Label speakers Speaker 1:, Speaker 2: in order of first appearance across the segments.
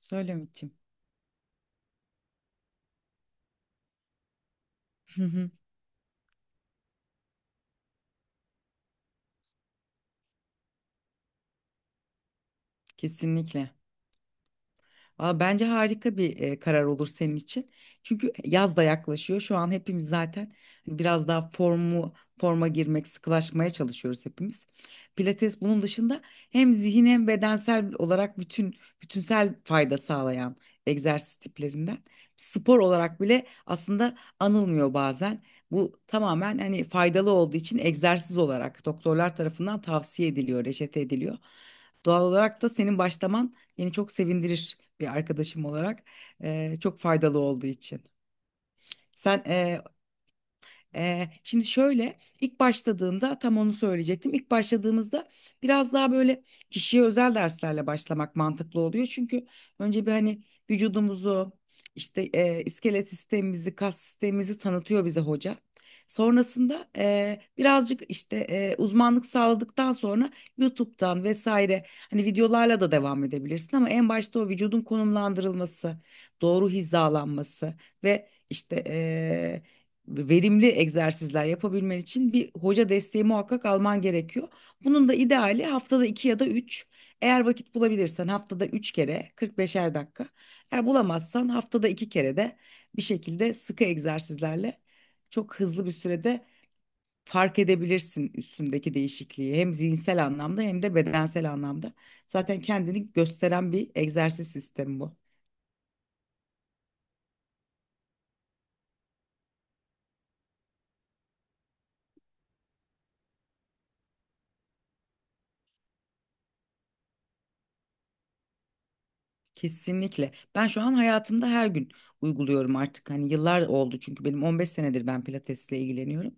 Speaker 1: Söyle Ümit'ciğim. Hı hı. Kesinlikle. Valla bence harika bir karar olur senin için. Çünkü yaz da yaklaşıyor. Şu an hepimiz zaten hani biraz daha forma girmek, sıkılaşmaya çalışıyoruz hepimiz. Pilates bunun dışında hem zihin hem bedensel olarak bütünsel fayda sağlayan egzersiz tiplerinden. Spor olarak bile aslında anılmıyor bazen. Bu tamamen hani faydalı olduğu için egzersiz olarak doktorlar tarafından tavsiye ediliyor, reçete ediliyor. Doğal olarak da senin başlaman beni çok sevindirir bir arkadaşım olarak. Çok faydalı olduğu için. Sen şimdi şöyle ilk başladığında tam onu söyleyecektim. İlk başladığımızda biraz daha böyle kişiye özel derslerle başlamak mantıklı oluyor. Çünkü önce bir hani vücudumuzu işte iskelet sistemimizi, kas sistemimizi tanıtıyor bize hoca. Sonrasında birazcık işte uzmanlık sağladıktan sonra YouTube'dan vesaire hani videolarla da devam edebilirsin ama en başta o vücudun konumlandırılması, doğru hizalanması ve işte verimli egzersizler yapabilmen için bir hoca desteği muhakkak alman gerekiyor. Bunun da ideali haftada iki ya da üç. Eğer vakit bulabilirsen haftada üç kere 45'er dakika. Eğer bulamazsan haftada iki kere de bir şekilde sıkı egzersizlerle çok hızlı bir sürede fark edebilirsin üstündeki değişikliği. Hem zihinsel anlamda hem de bedensel anlamda. Zaten kendini gösteren bir egzersiz sistemi bu. Kesinlikle. Ben şu an hayatımda her gün uyguluyorum artık. Hani yıllar oldu çünkü benim 15 senedir ben pilatesle ilgileniyorum.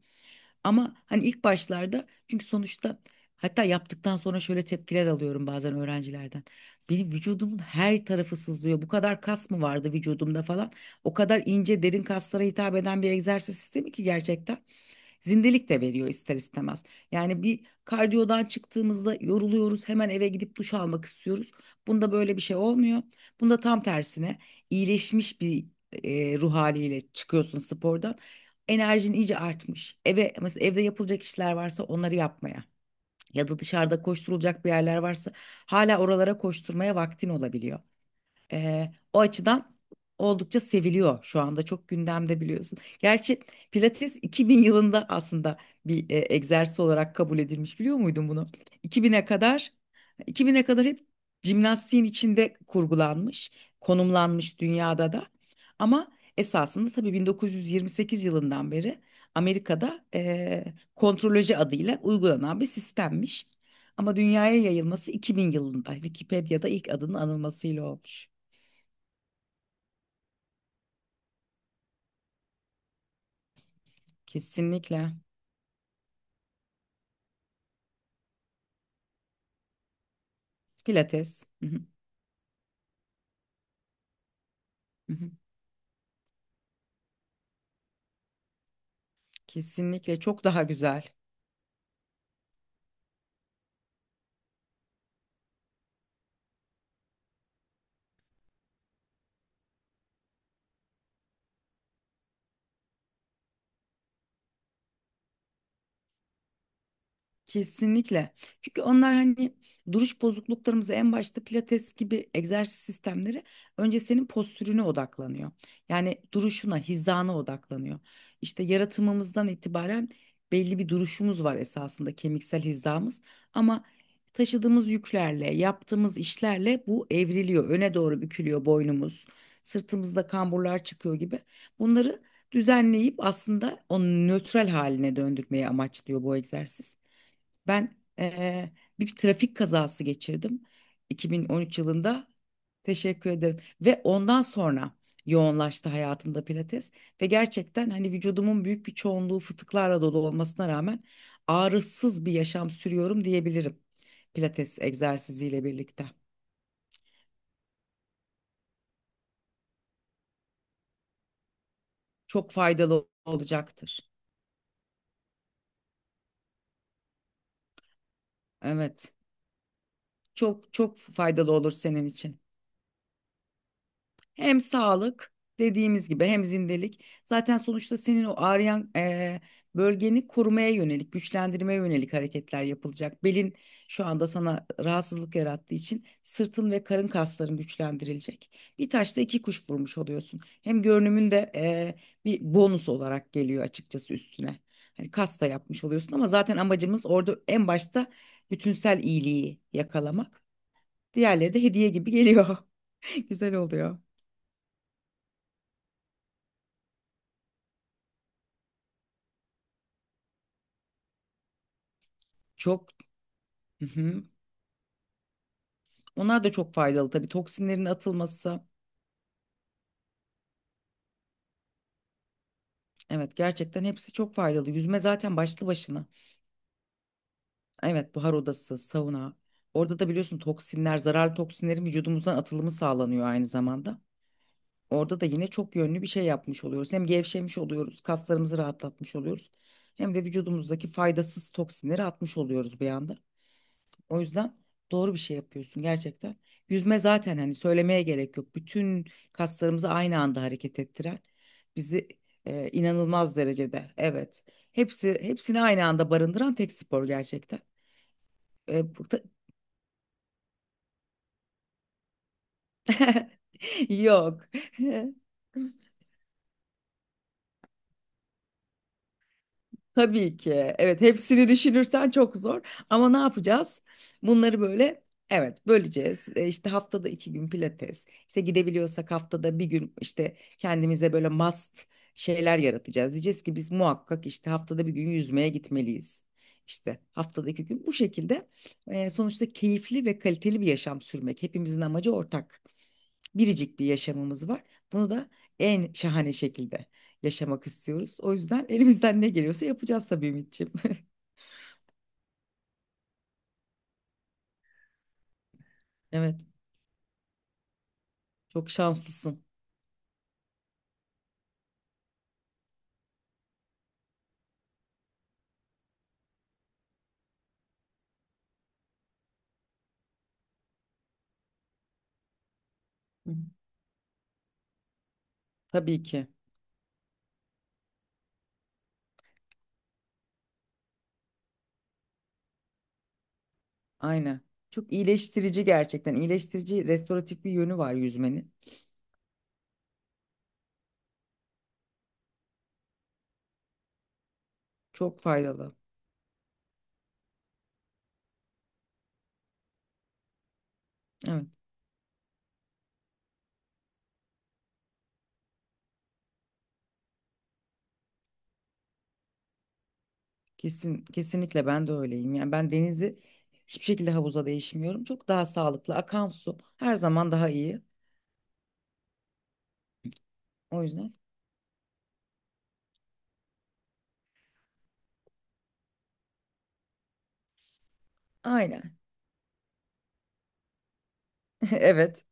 Speaker 1: Ama hani ilk başlarda çünkü sonuçta hatta yaptıktan sonra şöyle tepkiler alıyorum bazen öğrencilerden. Benim vücudumun her tarafı sızlıyor. Bu kadar kas mı vardı vücudumda falan? O kadar ince derin kaslara hitap eden bir egzersiz sistemi ki gerçekten. Zindelik de veriyor ister istemez. Yani bir kardiyodan çıktığımızda yoruluyoruz, hemen eve gidip duş almak istiyoruz. Bunda böyle bir şey olmuyor. Bunda tam tersine iyileşmiş bir ruh haliyle çıkıyorsun spordan. Enerjin iyice artmış. Eve mesela evde yapılacak işler varsa onları yapmaya ya da dışarıda koşturulacak bir yerler varsa hala oralara koşturmaya vaktin olabiliyor. O açıdan oldukça seviliyor şu anda, çok gündemde biliyorsun. Gerçi Pilates 2000 yılında aslında bir egzersiz olarak kabul edilmiş, biliyor muydun bunu? 2000'e kadar, 2000'e kadar hep jimnastiğin içinde kurgulanmış, konumlanmış dünyada da. Ama esasında tabii 1928 yılından beri Amerika'da kontroloji adıyla uygulanan bir sistemmiş. Ama dünyaya yayılması 2000 yılında Wikipedia'da ilk adının anılmasıyla olmuş. Kesinlikle. Pilates. Hı hı. Hı hı. Kesinlikle çok daha güzel. Kesinlikle. Çünkü onlar hani duruş bozukluklarımızı en başta, pilates gibi egzersiz sistemleri önce senin postürüne odaklanıyor. Yani duruşuna, hizana odaklanıyor. İşte yaratımımızdan itibaren belli bir duruşumuz var esasında, kemiksel hizamız, ama taşıdığımız yüklerle, yaptığımız işlerle bu evriliyor. Öne doğru bükülüyor boynumuz. Sırtımızda kamburlar çıkıyor gibi. Bunları düzenleyip aslında onu nötral haline döndürmeyi amaçlıyor bu egzersiz. Ben bir trafik kazası geçirdim 2013 yılında. Teşekkür ederim. Ve ondan sonra yoğunlaştı hayatımda pilates. Ve gerçekten hani vücudumun büyük bir çoğunluğu fıtıklarla dolu olmasına rağmen ağrısız bir yaşam sürüyorum diyebilirim. Pilates egzersiziyle birlikte. Çok faydalı olacaktır. Evet. Çok çok faydalı olur senin için. Hem sağlık, dediğimiz gibi, hem zindelik. Zaten sonuçta senin o ağrıyan bölgeni korumaya yönelik, güçlendirmeye yönelik hareketler yapılacak. Belin şu anda sana rahatsızlık yarattığı için sırtın ve karın kasların güçlendirilecek. Bir taşla iki kuş vurmuş oluyorsun. Hem görünümün de bir bonus olarak geliyor açıkçası üstüne. Hani kas da yapmış oluyorsun ama zaten amacımız orada en başta bütünsel iyiliği yakalamak. Diğerleri de hediye gibi geliyor. Güzel oluyor. Çok Hı hı. Onlar da çok faydalı tabii, toksinlerin atılması. Evet, gerçekten hepsi çok faydalı. Yüzme zaten başlı başına. Evet, buhar odası, sauna. Orada da biliyorsun toksinler, zararlı toksinlerin vücudumuzdan atılımı sağlanıyor aynı zamanda. Orada da yine çok yönlü bir şey yapmış oluyoruz. Hem gevşemiş oluyoruz, kaslarımızı rahatlatmış oluyoruz. Hem de vücudumuzdaki faydasız toksinleri atmış oluyoruz bir anda. O yüzden doğru bir şey yapıyorsun gerçekten. Yüzme zaten hani söylemeye gerek yok. Bütün kaslarımızı aynı anda hareket ettiren, bizi inanılmaz derecede, evet. Hepsi hepsini aynı anda barındıran tek spor gerçekten. E, bu da- yok. Tabii ki. Evet, hepsini düşünürsen çok zor. Ama ne yapacağız? Bunları böyle, evet, böleceğiz. İşte haftada iki gün pilates. İşte gidebiliyorsak haftada bir gün işte kendimize böyle must şeyler yaratacağız. Diyeceğiz ki biz muhakkak işte haftada bir gün yüzmeye gitmeliyiz. İşte haftada iki gün bu şekilde sonuçta keyifli ve kaliteli bir yaşam sürmek. Hepimizin amacı ortak, biricik bir yaşamımız var. Bunu da en şahane şekilde yaşamak istiyoruz. O yüzden elimizden ne geliyorsa yapacağız tabii Ümitciğim. Evet, çok şanslısın. Hı hı. Tabii ki. Aynen. Çok iyileştirici gerçekten. İyileştirici, restoratif bir yönü var yüzmenin. Çok faydalı. Evet, kesinlikle ben de öyleyim. Yani ben denizi hiçbir şekilde havuza değişmiyorum. Çok daha sağlıklı. Akan su her zaman daha iyi. O yüzden. Aynen. Evet.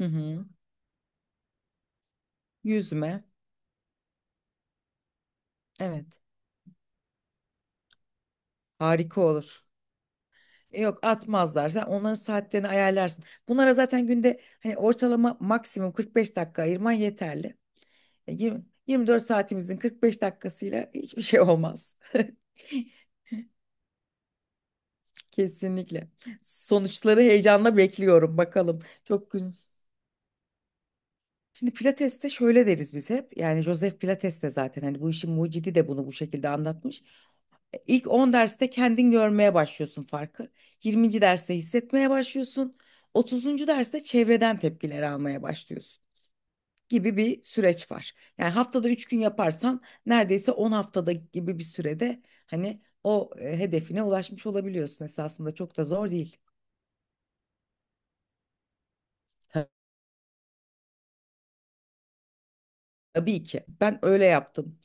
Speaker 1: Hı hı. Yüzme. Evet. Harika olur. Yok, atmazlar. Sen onların saatlerini ayarlarsın. Bunlara zaten günde hani ortalama maksimum 45 dakika ayırman yeterli. 20, 24 saatimizin 45 dakikasıyla hiçbir şey olmaz. Kesinlikle. Sonuçları heyecanla bekliyorum. Bakalım. Çok güzel. Şimdi Pilates'te şöyle deriz biz hep. Yani Joseph Pilates de zaten hani bu işin mucidi de bunu bu şekilde anlatmış. İlk 10 derste kendin görmeye başlıyorsun farkı. 20. derste hissetmeye başlıyorsun. 30. derste çevreden tepkiler almaya başlıyorsun gibi bir süreç var. Yani haftada 3 gün yaparsan neredeyse 10 haftada gibi bir sürede hani o hedefine ulaşmış olabiliyorsun, esasında çok da zor değil. Tabii ki. Ben öyle yaptım.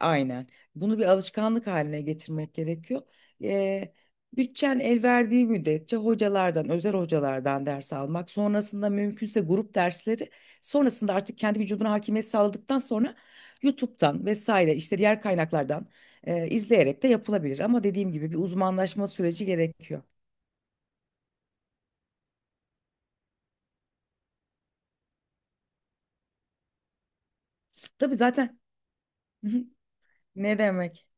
Speaker 1: Aynen. Bunu bir alışkanlık haline getirmek gerekiyor. Eee Bütçen el verdiği müddetçe hocalardan, özel hocalardan ders almak, sonrasında mümkünse grup dersleri, sonrasında artık kendi vücuduna hakimiyet sağladıktan sonra YouTube'dan vesaire işte diğer kaynaklardan izleyerek de yapılabilir. Ama dediğim gibi bir uzmanlaşma süreci gerekiyor. Tabii zaten ne demek?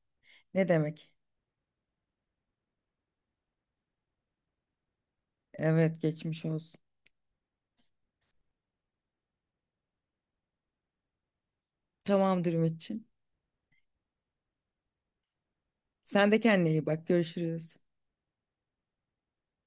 Speaker 1: Ne demek? Evet, geçmiş olsun. Tamamdır Ümitçiğim. Sen de kendine iyi bak. Görüşürüz.